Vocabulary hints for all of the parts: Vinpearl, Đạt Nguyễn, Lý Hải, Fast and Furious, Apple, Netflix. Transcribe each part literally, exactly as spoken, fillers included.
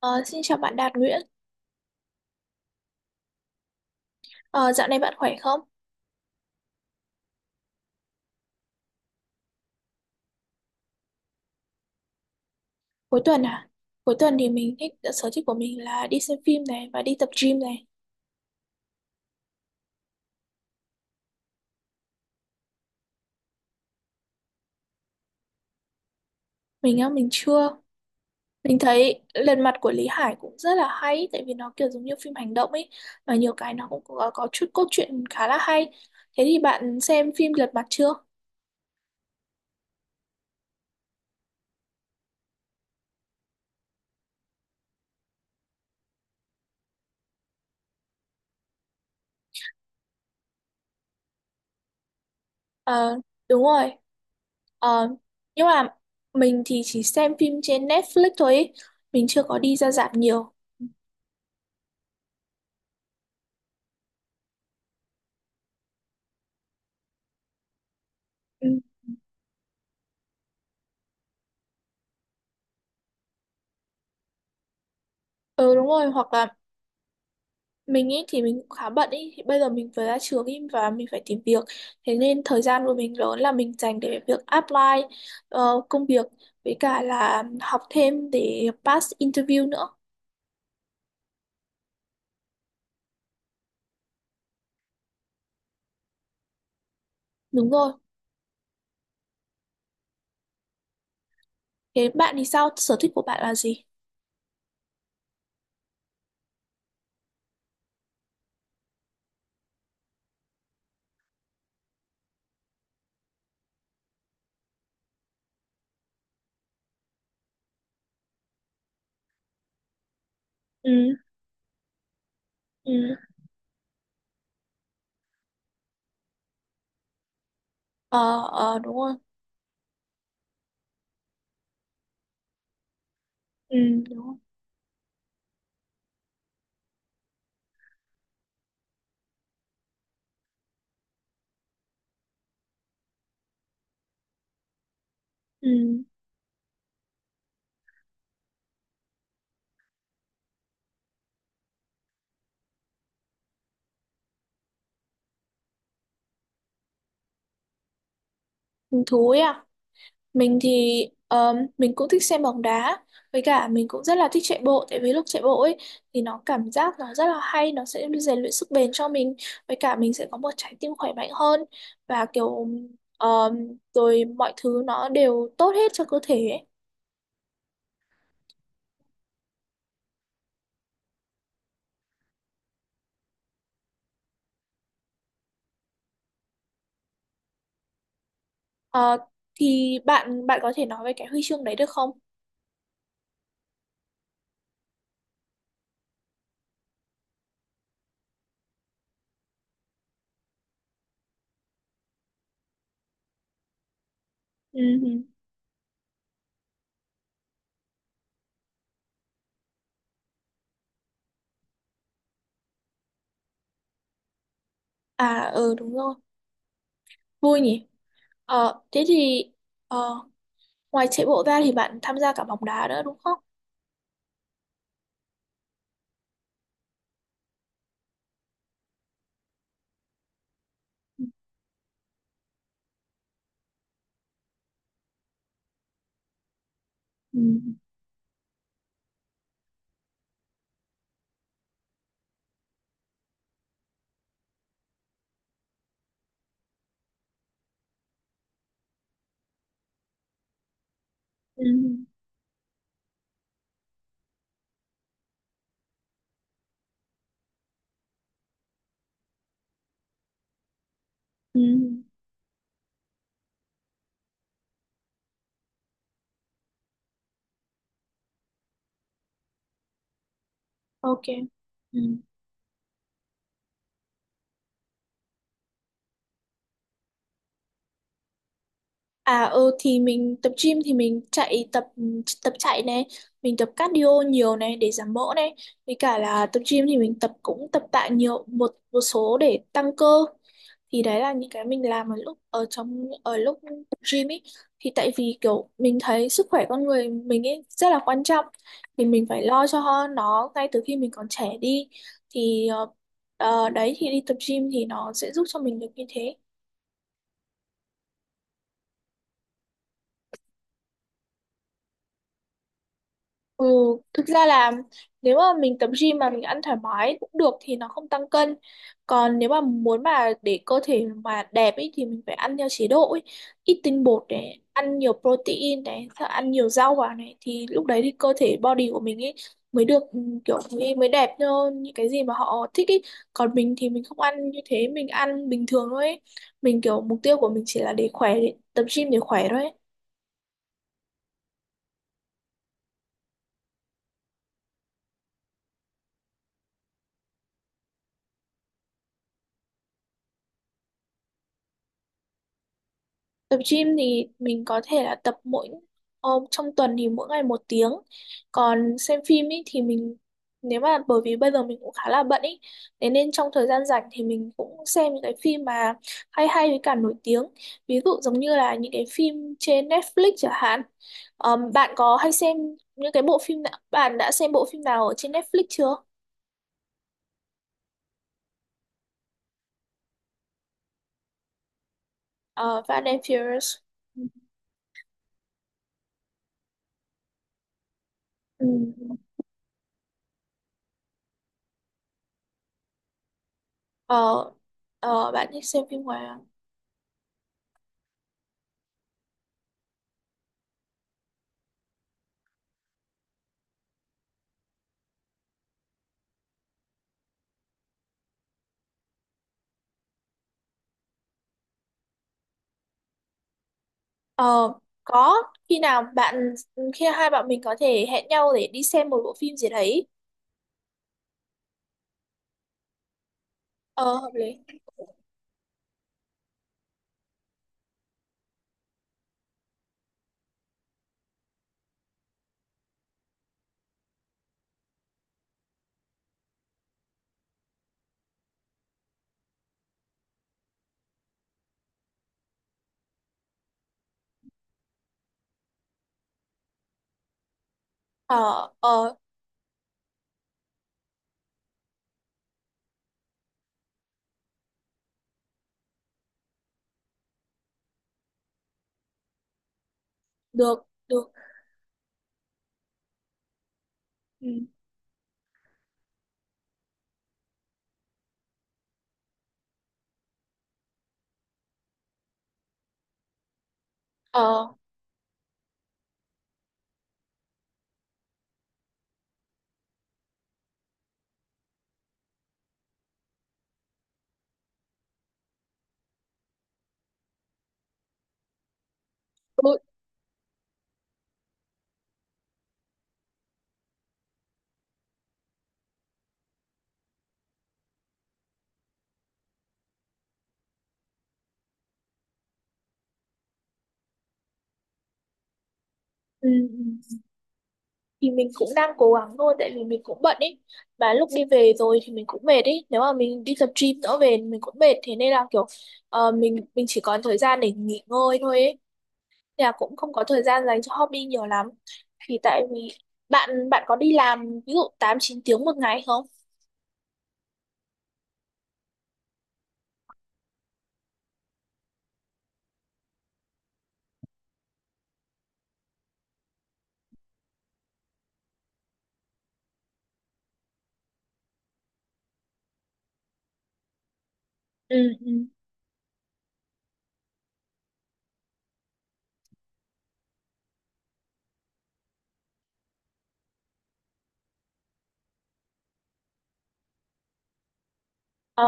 Ờ, xin chào bạn Đạt Nguyễn. Ờ, dạo này bạn khỏe không? Cuối tuần à? Cuối tuần thì mình thích ờ, sở thích của mình là đi xem phim này và đi tập gym này. Mình á, mình chưa. Mình thấy Lần Mặt của Lý Hải cũng rất là hay, tại vì nó kiểu giống như phim hành động ấy, và nhiều cái nó cũng có, có chút cốt truyện khá là hay. Thế thì bạn xem phim Lật Mặt chưa? Ờ, đúng rồi. Ờ, nhưng mà mình thì chỉ xem phim trên Netflix thôi ý. Mình chưa có đi ra rạp nhiều. Ừ, ừ, đúng rồi, hoặc là mình ý thì mình cũng khá bận ý, thì bây giờ mình vừa ra trường ý và mình phải tìm việc, thế nên thời gian của mình lớn là mình dành để việc apply ờ, công việc, với cả là học thêm để pass interview nữa. Đúng rồi. Thế bạn thì sao? Sở thích của bạn là gì? Ừ, ừ, ờ, ờ, đúng rồi, ừ đúng rồi, ừ, hứng thú ấy à? Mình thì um, mình cũng thích xem bóng đá, với cả mình cũng rất là thích chạy bộ, tại vì lúc chạy bộ ấy thì nó cảm giác nó rất là hay, nó sẽ rèn luyện sức bền cho mình, với cả mình sẽ có một trái tim khỏe mạnh hơn, và kiểu um, rồi mọi thứ nó đều tốt hết cho cơ thể ấy. Ờ, thì bạn bạn có thể nói về cái huy chương đấy được không? Ừ. À, ừ, đúng rồi, vui nhỉ. Ờ, thế thì ờ, ngoài chạy bộ ra thì bạn tham gia cả bóng đá nữa đúng không? Ừ. Ừ. Ừ, OK. Ừ. À, ừ, thì mình tập gym thì mình chạy tập tập chạy này, mình tập cardio nhiều này để giảm mỡ này, với cả là tập gym thì mình tập cũng tập tạ nhiều, một một số để tăng cơ. Thì đấy là những cái mình làm ở lúc ở trong ở lúc tập gym ấy. Thì tại vì kiểu mình thấy sức khỏe con người mình ấy rất là quan trọng, thì mình phải lo cho nó ngay từ khi mình còn trẻ đi. Thì ờ, ờ, đấy thì đi tập gym thì nó sẽ giúp cho mình được như thế. Ừ, thực ra là nếu mà mình tập gym mà mình ăn thoải mái cũng được thì nó không tăng cân. Còn nếu mà muốn mà để cơ thể mà đẹp ấy thì mình phải ăn theo chế độ ấy. Ít tinh bột này, ăn nhiều protein này, sợ ăn nhiều rau vào này thì lúc đấy thì cơ thể body của mình ấy mới được ừ, kiểu mới, mới đẹp như những cái gì mà họ thích ấy. Còn mình thì mình không ăn như thế, mình ăn bình thường thôi ấy. Mình kiểu mục tiêu của mình chỉ là để khỏe, để tập gym để khỏe thôi ấy. Tập gym thì mình có thể là tập mỗi ờ, trong tuần thì mỗi ngày một tiếng. Còn xem phim ý, thì mình nếu mà bởi vì bây giờ mình cũng khá là bận ý, thế nên trong thời gian rảnh thì mình cũng xem những cái phim mà hay hay với cả nổi tiếng. Ví dụ giống như là những cái phim trên Netflix chẳng hạn. Ờm, bạn có hay xem những cái bộ phim nào, bạn đã xem bộ phim nào ở trên Netflix chưa? Uh, Fast and Furious. Ừ. Ờ, ờ, bạn thích xem phim ngoài à? Ờ, có. khi nào bạn Khi hai bạn mình có thể hẹn nhau để đi xem một bộ phim gì đấy, ờ, hợp lý. Ờ, ờ, được, được. Ừ. Ờ. Ừ, ừ, ừ. Thì mình cũng đang cố gắng thôi, tại vì mình cũng bận ý, mà lúc đi về rồi thì mình cũng mệt ý, nếu mà mình đi tập gym nữa về mình cũng mệt, thế nên là kiểu ờ, mình mình chỉ còn thời gian để nghỉ ngơi thôi ấy. Nên là cũng không có thời gian dành cho hobby nhiều lắm. Thì tại vì bạn bạn có đi làm ví dụ tám chín tiếng một ngày không? Ừ, ừ. Ờ,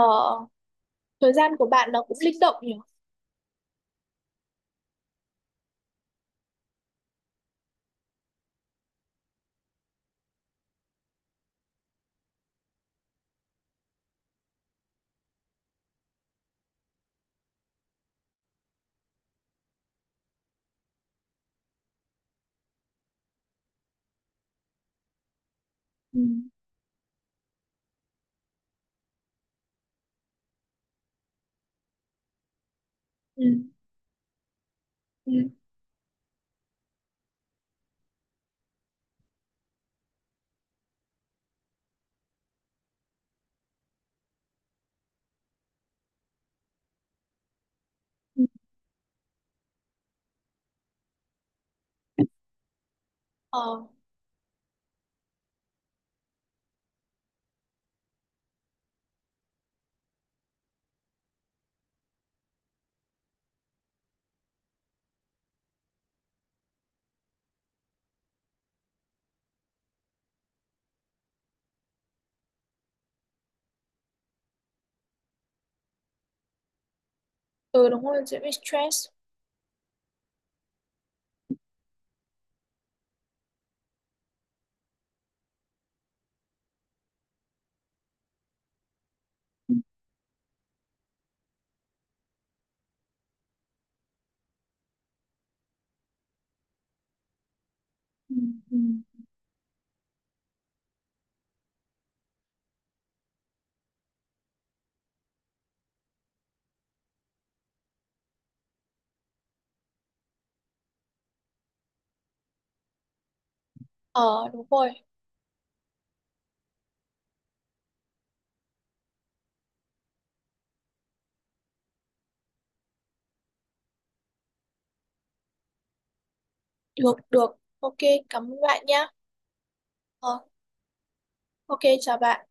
thời gian của bạn nó cũng linh động nhỉ? Ừ, ừ, ừ, ừ. Ờ, ừ, đúng rồi, dễ bị stress. Ừ, ừ. Ờ, đúng rồi, được, được. OK, cảm ơn bạn nhá. Ờ, OK, chào bạn.